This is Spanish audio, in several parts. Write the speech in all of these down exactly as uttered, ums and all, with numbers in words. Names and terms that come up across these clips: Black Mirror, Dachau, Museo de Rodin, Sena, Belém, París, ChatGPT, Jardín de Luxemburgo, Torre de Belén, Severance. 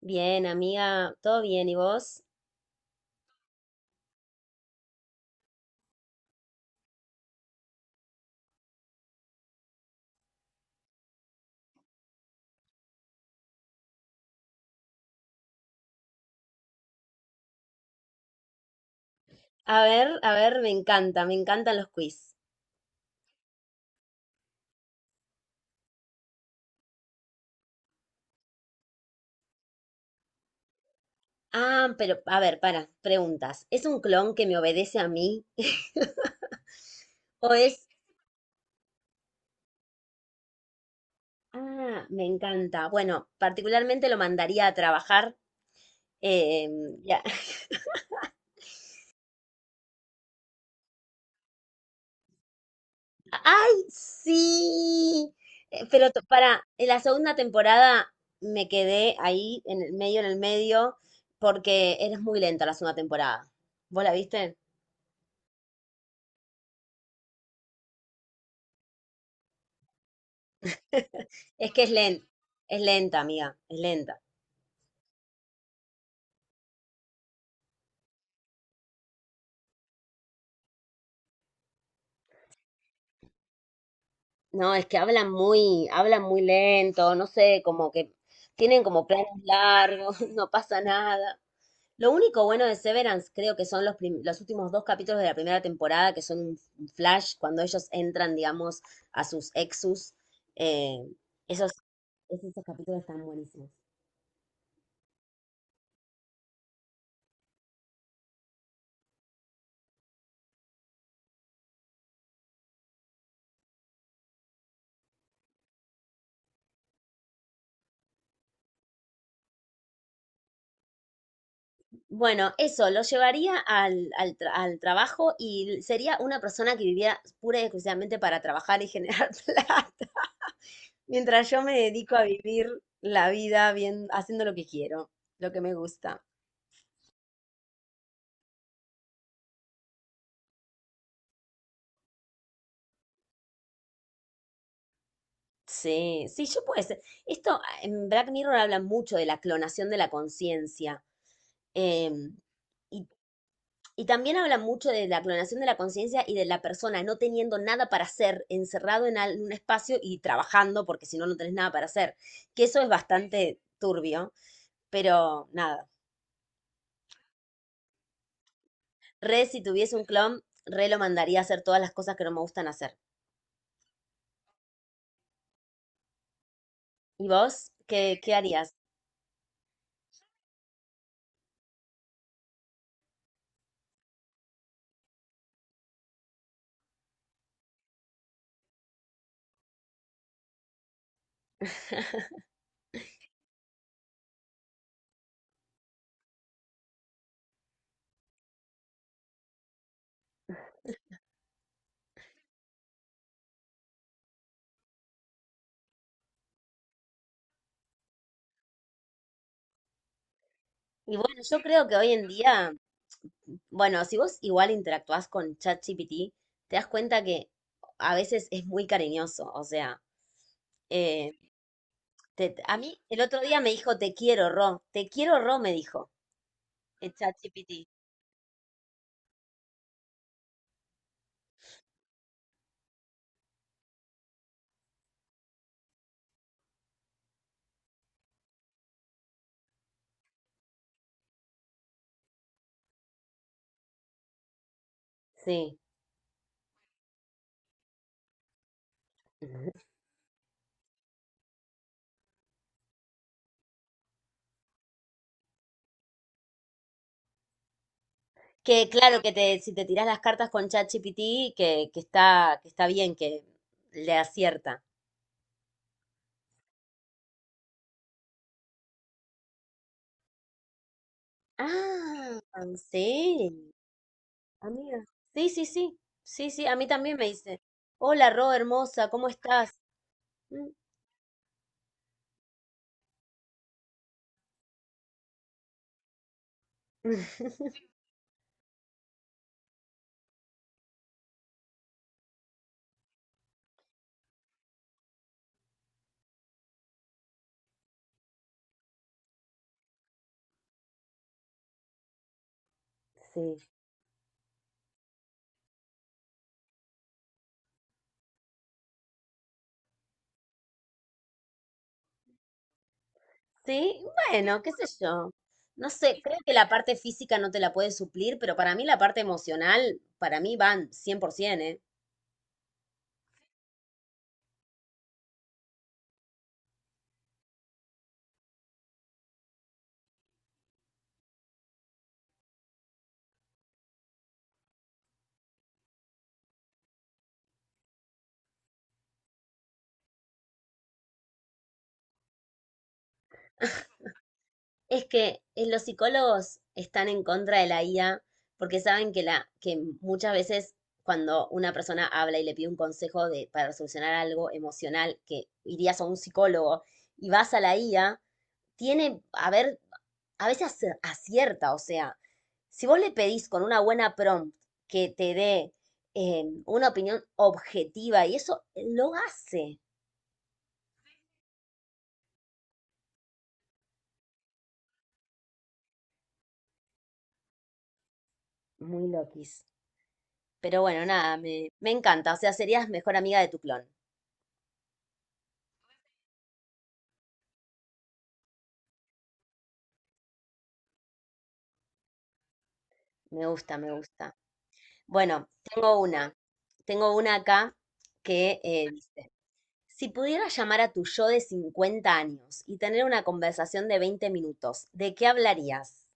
Bien, amiga, todo bien, ¿y vos? A ver, a ver, me encanta, me encantan los quiz. Ah, pero, a ver, para, preguntas. ¿Es un clon que me obedece a mí? ¿O es...? Ah, me encanta. Bueno, particularmente lo mandaría a trabajar. eh, ya. ¡Ay, sí! Eh, Pero to- para, en la segunda temporada me quedé ahí, en el medio, en el medio, porque eres muy lenta la segunda temporada. ¿Vos la viste? Es que es lenta, es lenta, amiga, es lenta. No, es que hablan muy, hablan muy lento, no sé, como que tienen como planes largos, no pasa nada. Lo único bueno de Severance creo que son los, prim- los últimos dos capítulos de la primera temporada, que son un, f- un flash, cuando ellos entran, digamos, a sus exus. eh, esos, esos capítulos están buenísimos. Bueno, eso, lo llevaría al, al, tra- al trabajo y sería una persona que viviera pura y exclusivamente para trabajar y generar plata. Mientras yo me dedico a vivir la vida bien, haciendo lo que quiero, lo que me gusta. Sí, sí, yo puedo ser. Esto, ah, en Black Mirror habla mucho de la clonación de la conciencia. em, y, y también habla mucho de la clonación de la conciencia y de la persona no teniendo nada para hacer, encerrado en al- un espacio y trabajando, porque si no, no tenés nada para hacer. Que eso es bastante turbio, pero nada. Re, si tuviese un clon, re lo mandaría a hacer todas las cosas que no me gustan hacer. ¿Y vos? ¿Qué, qué harías? Y bueno, yo creo que hoy en día, bueno, si vos igual interactuás con ChatGPT, te das cuenta que a veces es muy cariñoso. O sea, eh, te- a mí el otro día me dijo: "Te quiero, Ro, te quiero, Ro", me dijo el ChatGPT. Sí. Que claro, que te, si te tirás las cartas con ChatGPT, que, que está, que está bien, que le acierta. Ah, sí, amiga. Sí, sí, sí. Sí, sí, a mí también me dice: "Hola, Ro, hermosa, ¿cómo estás?". Mm. Sí. Sí, bueno, qué sé yo. No sé, creo que la parte física no te la puede suplir, pero para mí la parte emocional, para mí van cien por ciento, ¿eh? Es que eh, los psicólogos están en contra de la I A porque saben que, la, que muchas veces cuando una persona habla y le pide un consejo de, para solucionar algo emocional, que irías a un psicólogo y vas a la I A, tiene, a ver, a veces acierta, o sea, si vos le pedís con una buena prompt que te dé eh, una opinión objetiva y eso, eh, lo hace muy loquis. Pero bueno, nada, me, me encanta, o sea, serías mejor amiga de tu clon. Me gusta, me gusta. Bueno, tengo una, tengo una acá que eh, dice, si pudieras llamar a tu yo de cincuenta años y tener una conversación de veinte minutos, ¿de qué hablarías?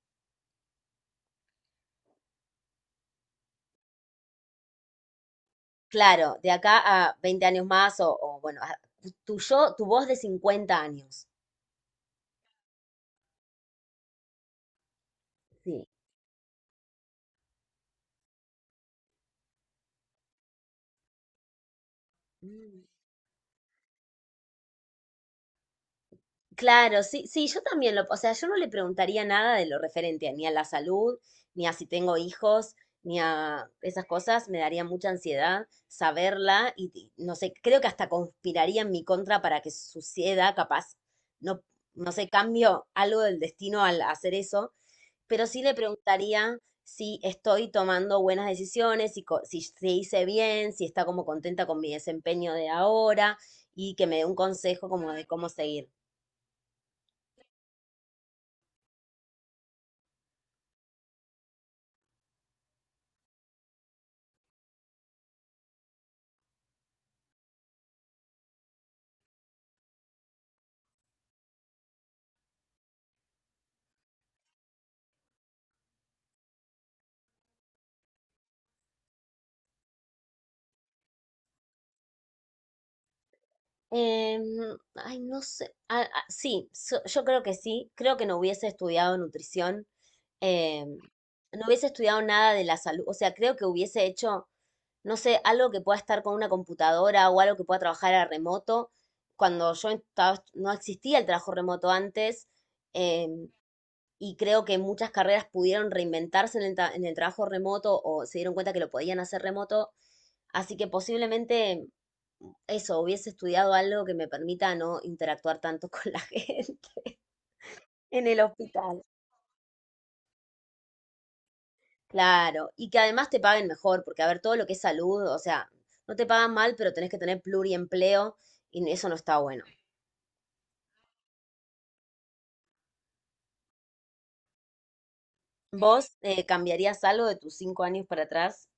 Claro, de acá a veinte años más o, o, bueno, a- tu yo, tu voz de cincuenta años. Sí. Mm, Claro, sí, sí, yo también lo, o sea, yo no le preguntaría nada de lo referente a, ni a la salud, ni a si tengo hijos, ni a esas cosas, me daría mucha ansiedad saberla y, y no sé, creo que hasta conspiraría en mi contra para que suceda, capaz, no, no sé, cambio algo del destino al hacer eso, pero sí le preguntaría si estoy tomando buenas decisiones, si, co- si se hice bien, si está como contenta con mi desempeño de ahora y que me dé un consejo como de cómo seguir. Em, Ay, no sé. Ah, ah, sí, so- yo creo que sí. Creo que no hubiese estudiado nutrición. em, no hubiese estudiado nada de la salud. O sea, creo que hubiese hecho, no sé, algo que pueda estar con una computadora o algo que pueda trabajar a remoto. Cuando yo estaba, no existía el trabajo remoto antes. em, y creo que muchas carreras pudieron reinventarse en el, tra- en el trabajo remoto o se dieron cuenta que lo podían hacer remoto. Así que posiblemente eso, hubiese estudiado algo que me permita no interactuar tanto con la gente en el hospital. Claro, y que además te paguen mejor, porque a ver, todo lo que es salud, o sea, no te pagan mal, pero tenés que tener pluriempleo y eso no está bueno. ¿Vos, eh, cambiarías algo de tus cinco años para atrás?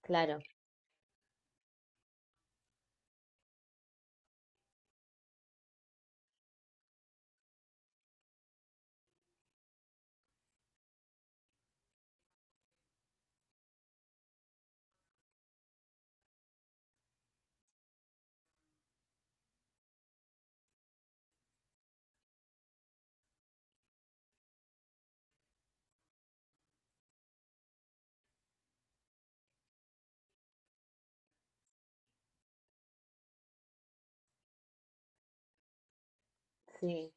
Claro, sí.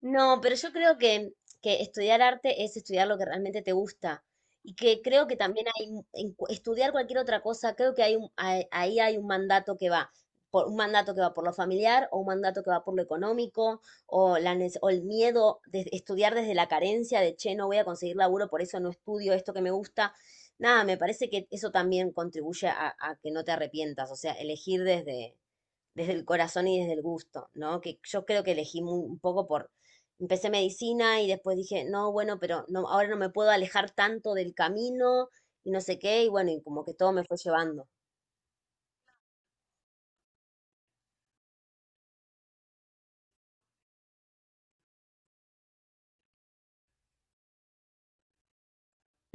No, pero yo creo que, que estudiar arte es estudiar lo que realmente te gusta. Y que creo que también hay, un- en cu- estudiar cualquier otra cosa, creo que hay un, ahí, ahí hay un mandato que va, por, un mandato que va por lo familiar, o un mandato que va por lo económico, o la, nece- o el miedo de estudiar desde la carencia de, che, no voy a conseguir laburo, por eso no estudio esto que me gusta. Nada, me parece que eso también contribuye a, a que no te arrepientas, o sea, elegir desde, desde el corazón y desde el gusto, ¿no? Que yo creo que elegí mu- un poco por, empecé medicina y después dije, no, bueno, pero no, ahora no me puedo alejar tanto del camino y no sé qué, y bueno, y como que todo me fue llevando.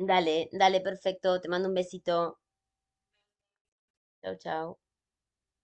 Dale, dale, perfecto, te mando un besito. Chau, chau.